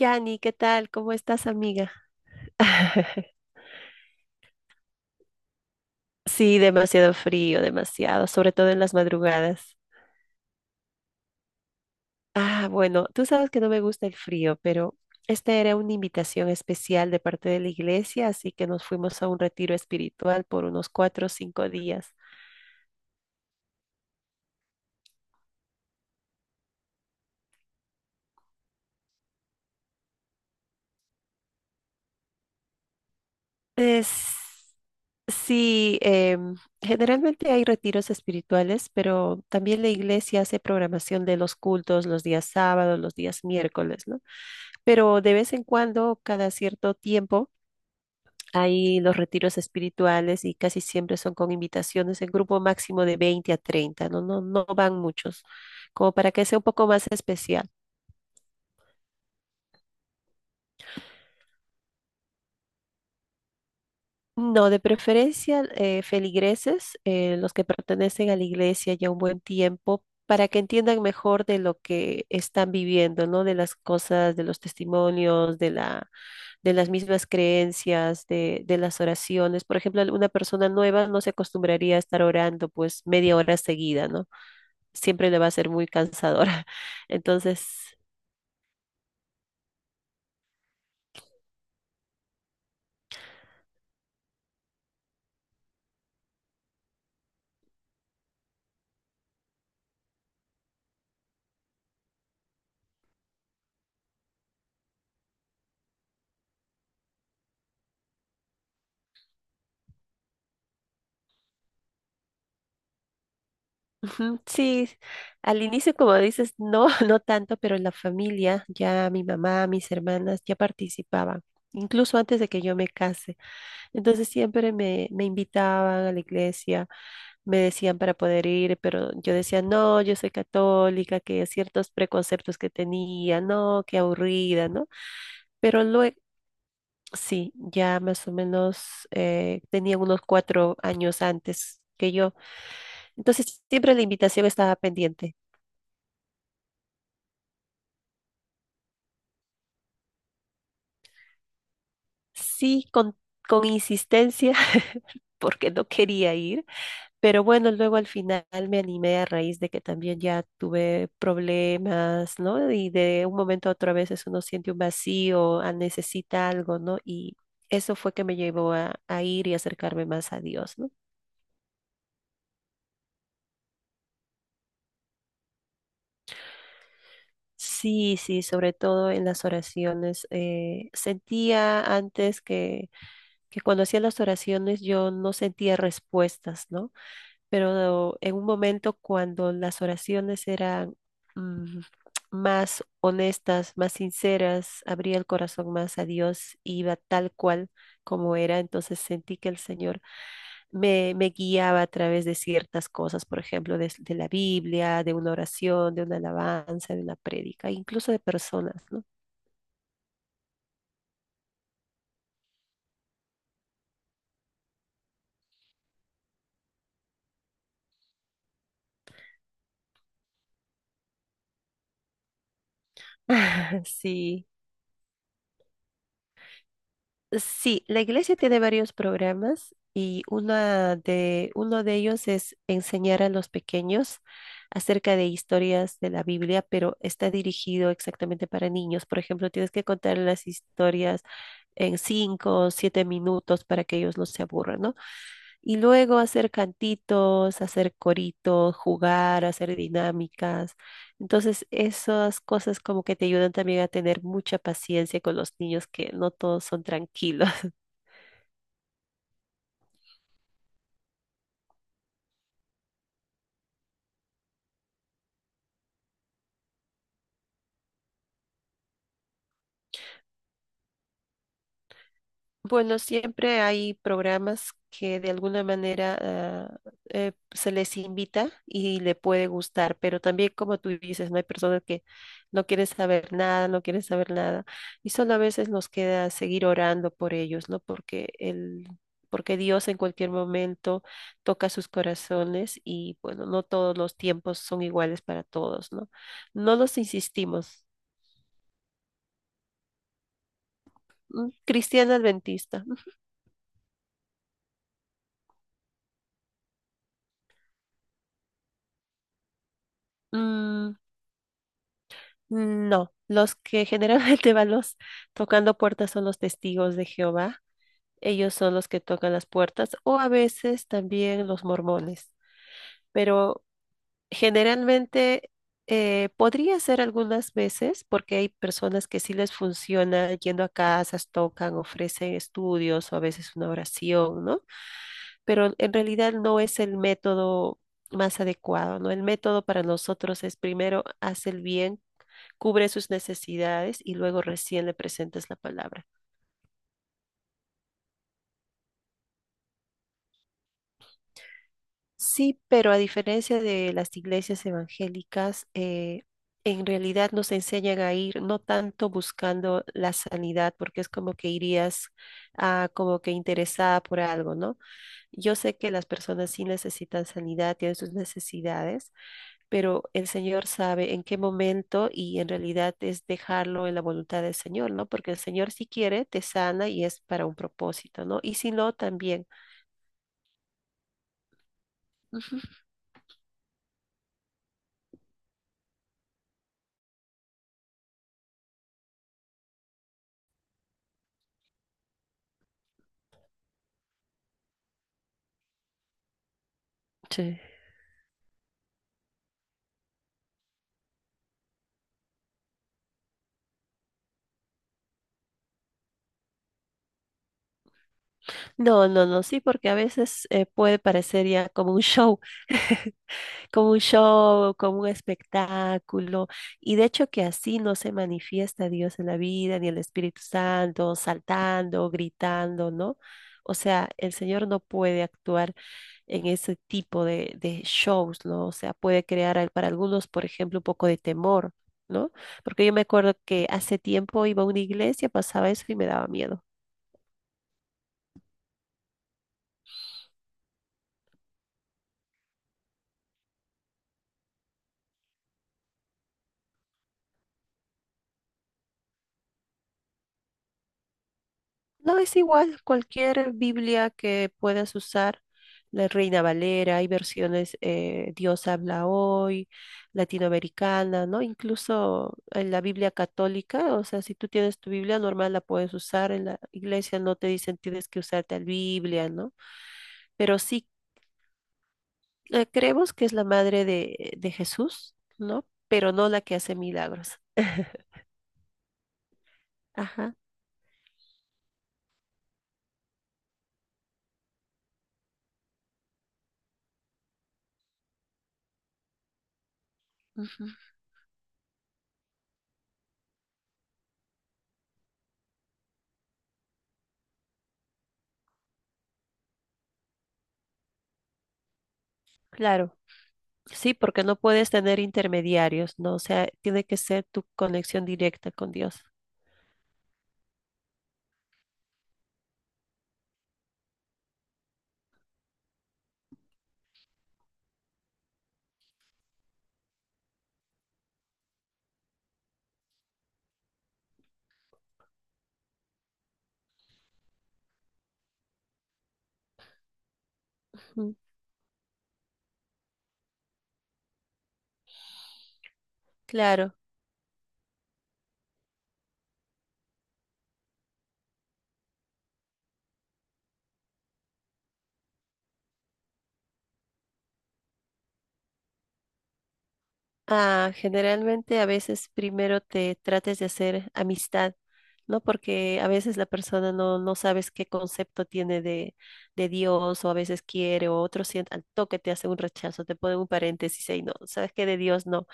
Yani, ¿qué tal? ¿Cómo estás, amiga? Sí, demasiado frío, demasiado, sobre todo en las madrugadas. Ah, bueno, tú sabes que no me gusta el frío, pero esta era una invitación especial de parte de la iglesia, así que nos fuimos a un retiro espiritual por unos 4 o 5 días. Es- Sí, generalmente hay retiros espirituales, pero también la iglesia hace programación de los cultos los días sábados, los días miércoles, ¿no? Pero de vez en cuando, cada cierto tiempo, hay los retiros espirituales y casi siempre son con invitaciones en grupo máximo de 20 a 30, ¿no? No, no van muchos, como para que sea un poco más especial. No, de preferencia feligreses, los que pertenecen a la iglesia ya un buen tiempo, para que entiendan mejor de lo que están viviendo, ¿no? De las cosas, de los testimonios, de las mismas creencias, de las oraciones. Por ejemplo, una persona nueva no se acostumbraría a estar orando pues media hora seguida, ¿no? Siempre le va a ser muy cansadora. Entonces. Ujú. Sí, al inicio, como dices, no, no tanto, pero en la familia ya mi mamá, mis hermanas ya participaban, incluso antes de que yo me case. Entonces siempre me invitaban a la iglesia, me decían para poder ir, pero yo decía, no, yo soy católica, que ciertos preconceptos que tenía, no, qué aburrida, ¿no? Pero lue- Sí, ya más o menos tenía unos 4 años antes que yo. Entonces siempre la invitación estaba pendiente. Sí, con insistencia, porque no quería ir, pero bueno, luego al final me animé a raíz de que también ya tuve problemas, ¿no? Y de un momento a otro a veces uno siente un vacío, ah, necesita algo, ¿no? Y eso fue que me llevó a ir y acercarme más a Dios, ¿no? Sí, sí, sobre todo en las oraciones. Sentía antes que cuando hacía las oraciones yo no sentía respuestas, ¿no? Pero en un momento cuando las oraciones eran mm, más honestas, más sinceras, abría el corazón más a Dios, iba tal cual como era, entonces sentí que el Señor me guiaba a través de ciertas cosas, por ejemplo, de la Biblia, de una oración, de una alabanza, de una prédica, incluso de personas, ¿no? Sí. Sí, la iglesia tiene varios programas y uno de ellos es enseñar a los pequeños acerca de historias de la Biblia, pero está dirigido exactamente para niños. Por ejemplo, tienes que contar las historias en 5 o 7 minutos para que ellos no se aburran, ¿no? Y luego hacer cantitos, hacer coritos, jugar, hacer dinámicas. Entonces, esas cosas como que te ayudan también a tener mucha paciencia con los niños, que no todos son tranquilos. Bueno, siempre hay programas que de alguna manera se les invita y le puede gustar, pero también como tú dices, no hay personas que no quieren saber nada, no quieren saber nada, y solo a veces nos queda seguir orando por ellos, ¿no? Porque Dios en cualquier momento toca sus corazones y bueno, no todos los tiempos son iguales para todos, ¿no? No los insistimos. Cristiana adventista. Mm, No, los que generalmente van los tocando puertas son los testigos de Jehová. Ellos son los que tocan las puertas o a veces también los mormones. Pero generalmente podría ser algunas veces porque hay personas que sí les funciona yendo a casas, tocan, ofrecen estudios o a veces una oración, ¿no? Pero en realidad no es el método más adecuado, ¿no? El método para nosotros es primero haz el bien cubre sus necesidades y luego recién le presentas la palabra. Sí, pero a diferencia de las iglesias evangélicas, en realidad nos enseñan a ir no tanto buscando la sanidad, porque es como que irías como que interesada por algo, ¿no? Yo sé que las personas sí necesitan sanidad, tienen sus necesidades, pero el Señor sabe en qué momento y en realidad es dejarlo en la voluntad del Señor, ¿no? Porque el Señor si quiere te sana y es para un propósito, ¿no? Y si no, también. Ujú. Sí. No, no, no, sí, porque a veces puede parecer ya como un show, como un show, como un espectáculo. Y de hecho que así no se manifiesta Dios en la vida, ni el Espíritu Santo, saltando, gritando, ¿no? O sea, el Señor no puede actuar en ese tipo de shows, ¿no? O sea, puede crear para algunos, por ejemplo, un poco de temor, ¿no? Porque yo me acuerdo que hace tiempo iba a una iglesia, pasaba eso y me daba miedo. No, es igual, cualquier Biblia que puedas usar, la Reina Valera, hay versiones Dios habla hoy, latinoamericana, ¿no? Incluso en la Biblia católica, o sea, si tú tienes tu Biblia normal, la puedes usar, en la iglesia no te dicen tienes que usar tal Biblia, ¿no? Pero sí creemos que es la madre de Jesús, ¿no? Pero no la que hace milagros. Ajá. Ujú. Claro. Sí, porque no puedes tener intermediarios, ¿no? O sea, tiene que ser tu conexión directa con Dios. Ujú. Claro. Ah, generalmente a veces primero te trates de hacer amistad, ¿no? Porque a veces la persona no, no sabes qué concepto tiene de Dios o a veces quiere o otro siente, al toque te hace un rechazo, te pone un paréntesis y no, sabes que de Dios no.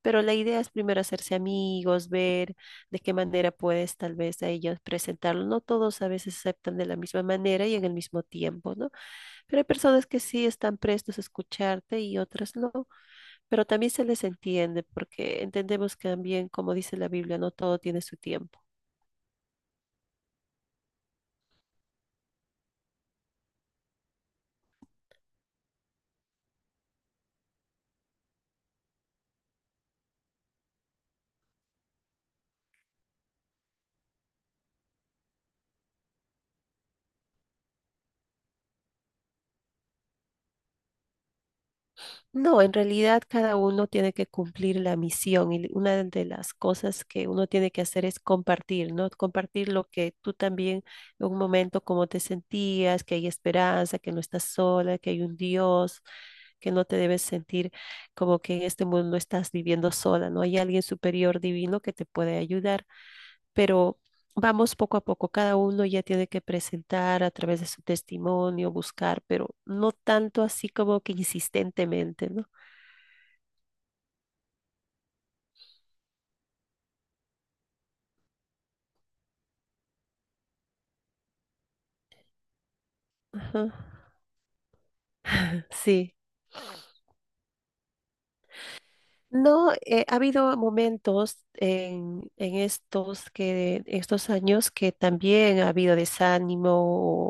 Pero la idea es primero hacerse amigos, ver de qué manera puedes tal vez a ellos presentarlo. No todos a veces aceptan de la misma manera y en el mismo tiempo, ¿no? Pero hay personas que sí están prestos a escucharte y otras no, pero también se les entiende porque entendemos que también, como dice la Biblia, no todo tiene su tiempo. No, en realidad cada uno tiene que cumplir la misión y una de las cosas que uno tiene que hacer es compartir, ¿no? Compartir lo que tú también en un momento cómo te sentías, que hay esperanza, que no estás sola, que hay un Dios, que no te debes sentir como que en este mundo no estás viviendo sola, ¿no? Hay alguien superior divino que te puede ayudar, pero vamos poco a poco, cada uno ya tiene que presentar a través de su testimonio, buscar, pero no tanto así como que insistentemente, ¿no? Ajá. Sí. No, ha habido momentos en estos estos años que también ha habido desánimo,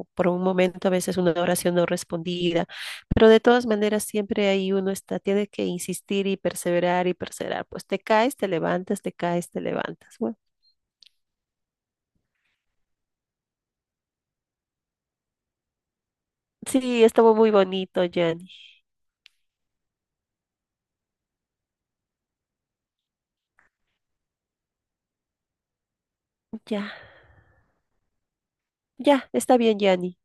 o por un momento a veces una oración no respondida, pero de todas maneras siempre ahí uno está, tiene que insistir y perseverar y perseverar. Pues te caes, te levantas, te caes, te levantas. Bueno, sí, estuvo muy bonito, Gianni. Ya, ya, está bien, Gianni.